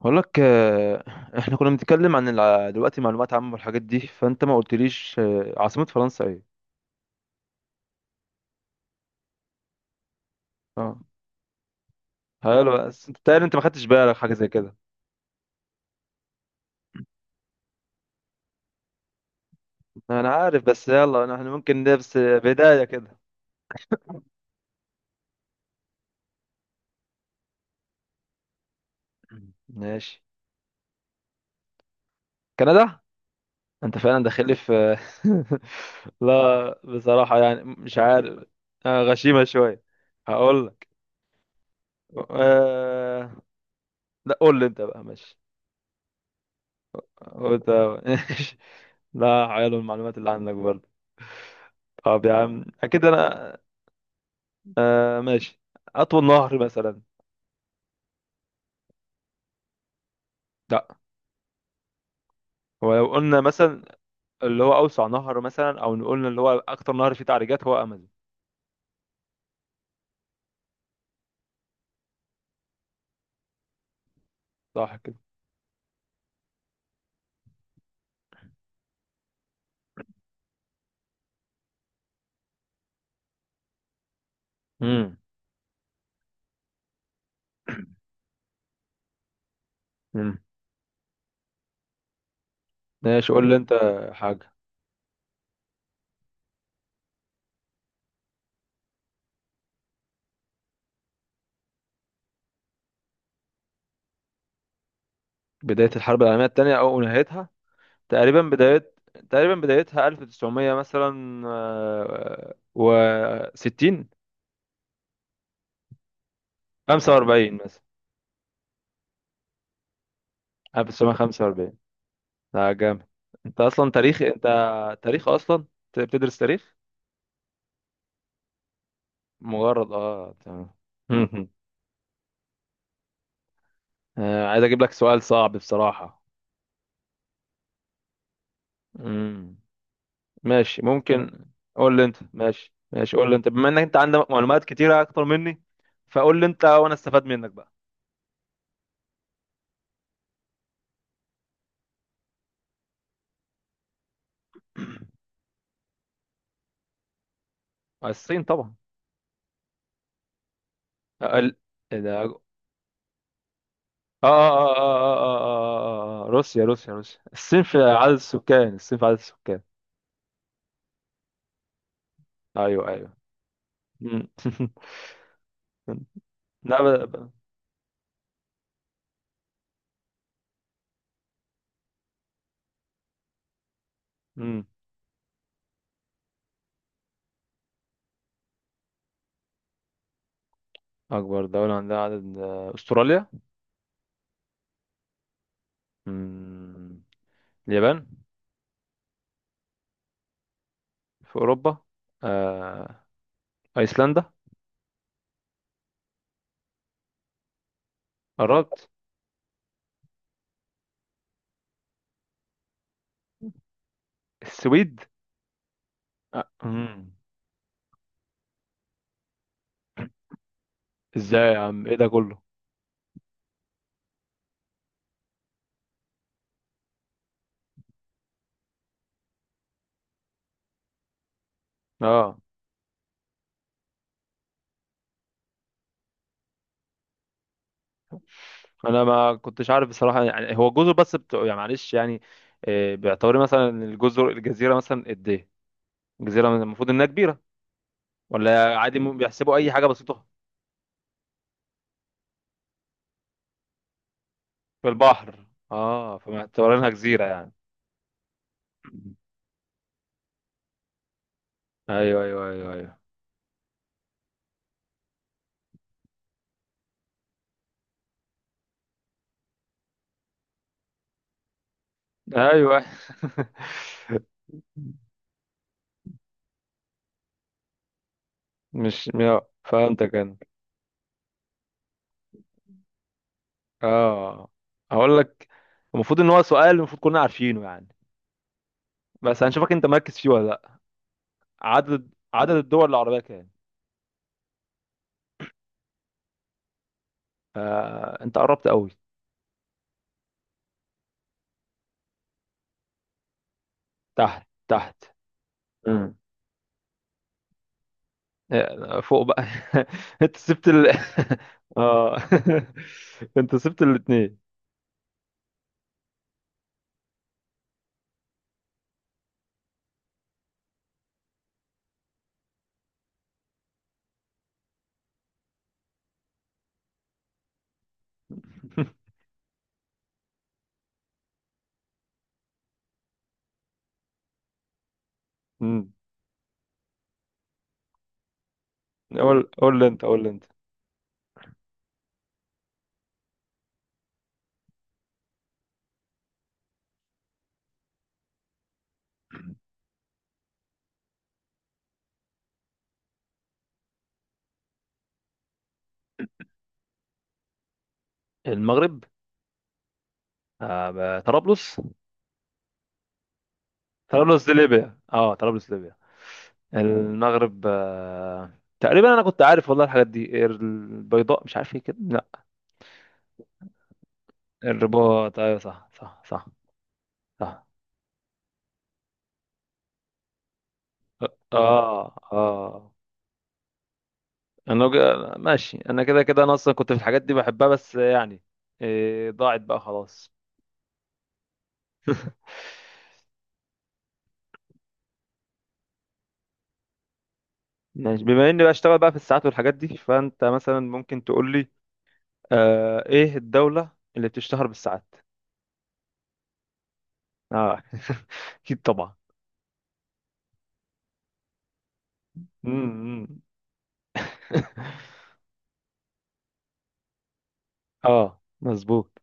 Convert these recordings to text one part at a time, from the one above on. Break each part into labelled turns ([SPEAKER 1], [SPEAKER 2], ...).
[SPEAKER 1] بقول لك، احنا كنا بنتكلم عن دلوقتي معلومات عامة والحاجات دي. فانت ما قلتليش، عاصمة فرنسا ايه؟ اه، حلو. بس انت تقريبا ما خدتش بالك حاجة زي كده. انا عارف. بس يلا، احنا ممكن نبس بداية كده. ماشي. كندا. انت فعلا داخل لي في لا بصراحة يعني مش عارف. غشيمة شوية. هقول لك. أه... لا، قول لي انت بقى. ماشي. قلت ماشي. لا، حلو المعلومات اللي عندك برضه. طب يا عم، اكيد انا. آه، ماشي. اطول نهر مثلا. لا. هو لو قلنا مثلا، اللي هو اوسع نهر مثلا، او نقول اللي هو اكتر نهر فيه تعريجات هو امازون. صح كده. امم. امم. ماشي، قول لي انت. حاجه. بدايه الحرب العالميه الثانيه او نهايتها. تقريبا بدايه. تقريبا بدايتها 1900 مثلا، و 60. 45 مثلا. 1945. لا، جامد. انت اصلا تاريخ انت. تاريخ اصلا انت بتدرس تاريخ. مجرد، اه تمام. آه، عايز اجيب لك سؤال صعب بصراحة. مم. ماشي، ممكن. قول لي انت. ماشي، ماشي، قول لي انت، بما انك عندك معلومات كتيرة اكتر مني. فقول لي انت وانا استفاد منك بقى. الصين طبعا. ال... ايه ده... اه آه، روسيا، روسيا، روسيا. الصين في عدد السكان. الصين في عدد السكان. ايوه، ايوه. مم. لا، مم. أكبر دولة عندها عدد، أستراليا. مم. اليابان. في أوروبا؟ آه. أيسلندا. قربت. السويد. آه. مم. إزاي يا عم، إيه ده كله؟ أه، أنا ما كنتش عارف بصراحة. يعني هو جزر بس بتوع يعني، معلش يعني. آه، باعتباري مثلا، الجزيرة مثلا قد إيه؟ الجزيرة مثلاً المفروض إنها كبيرة ولا عادي، بيحسبوا أي حاجة بسيطة. في البحر. أه، فمعتبرينها جزيرة يعني. أيوه، أيوه، أيوه، أيوه، أيوه. مش فهمتك انا. اه، هقول لك. المفروض ان هو سؤال المفروض كلنا عارفينه يعني. بس هنشوفك انت مركز فيه ولا لا. عدد الدول العربية كام؟ آه، انت قربت قوي. تحت، تحت. مم. آه، فوق بقى. انت سبت ال. اه. انت سبت الاتنين. مم. مم. قول لي انت. قول لي انت. المغرب. طرابلس. طرابلس دي ليبيا. اه، طرابلس ليبيا. المغرب، آه، تقريبا انا كنت عارف والله. الحاجات دي، البيضاء مش عارف ايه كده. لا، الرباط. ايوه، صح، صح، صح. صح. اه، اه، اه. انا ماشي. انا كده كده، انا اصلا كنت في الحاجات دي بحبها بس يعني. إيه، ضاعت بقى خلاص. ماشي، بما اني بشتغل بقى في الساعات والحاجات دي، فانت مثلا ممكن تقول لي، آه، ايه الدولة اللي بتشتهر بالساعات؟ اه. اكيد طبعا. مم. مم. اه، مظبوط.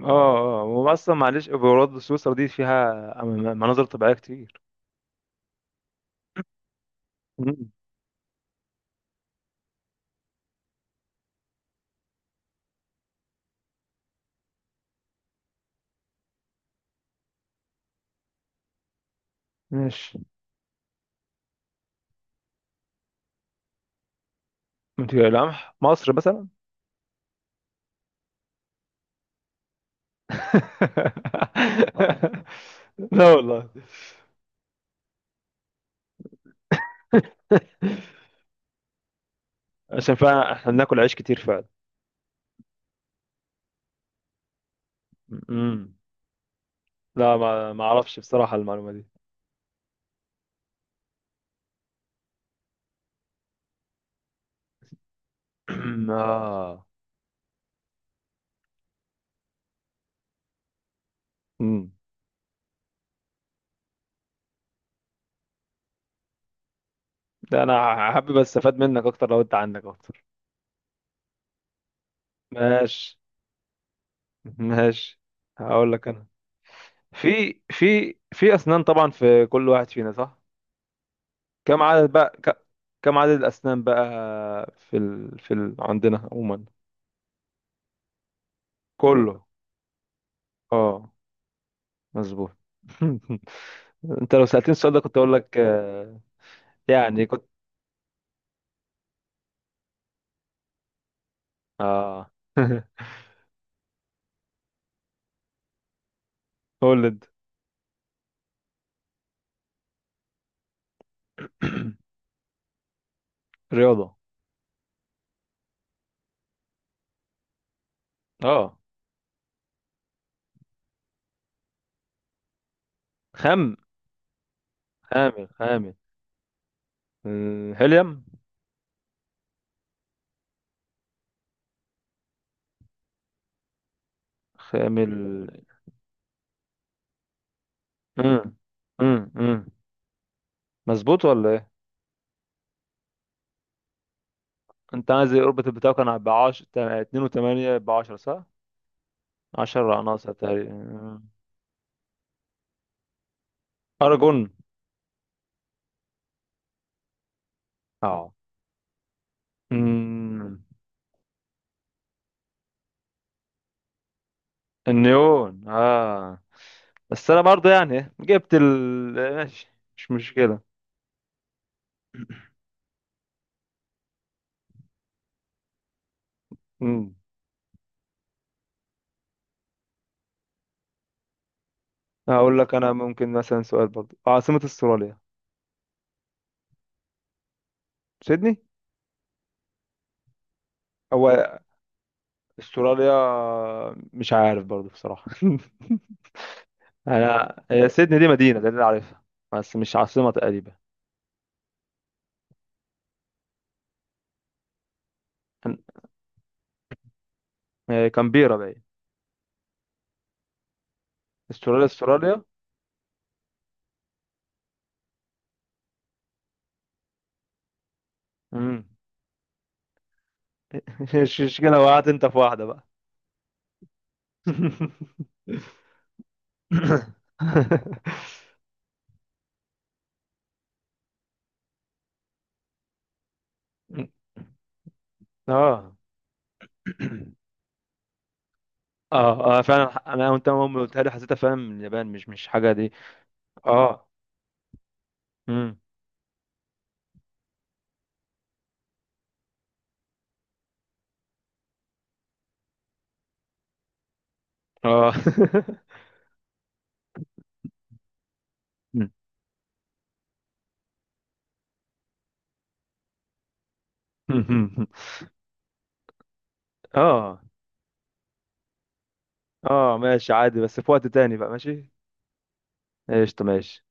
[SPEAKER 1] اه، اه، واصلا معلش برضه سويسرا دي فيها مناظر طبيعيه كتير. مم. ماشي. انت لمح مصر مثلا. لا والله. عشان فعلا احنا بناكل عيش كتير فعلا. مم. لا، ما اعرفش بصراحه المعلومه دي. اه. مم. ده انا حابب استفاد منك اكتر لو انت عندك اكتر. ماشي. ماشي. هقول لك انا. في اسنان طبعا في كل واحد فينا، صح؟ كم عدد بقى ك- كم عدد الأسنان بقى؟ عندنا عموما. كله، كله. اه، مظبوط. انت لو سألتني السؤال ده كنت اقول لك، آه، يعني كنت. اه. قول انت. رياضة. اه. خم خامل، خامل. آه، هيليوم. خامل، حلو ده. امم. امم امم مظبوط ولا ايه؟ انت عايز الاوربت بتاعك كان ب 10. 2 و8 ب 10، صح؟ 10 ناقصه تقريبا، ارجون. اه. مم. النيون. اه، بس انا برضه يعني جبت ال. ماشي، مش مشكلة. مم. هقول لك انا. ممكن مثلا سؤال برضه، عاصمة استراليا. سيدني. هو استراليا مش عارف برضه بصراحة. انا هي سيدني دي مدينة ده اللي أنا عارفها، بس مش عاصمة تقريبا. كان- آه، كامبيرا باين. استراليا، استراليا. مم. مش، مش كده، وقعت انت في واحدة بقى. اه، اه، اه، فعلا انا وانت اول ما قلتها لي حسيتها فعلا من اليابان. مش حاجه دي. اه. امم. اه. مم. اه، اه، ماشي عادي بس في وقت تاني بقى. ماشي. قشطة. ماشي.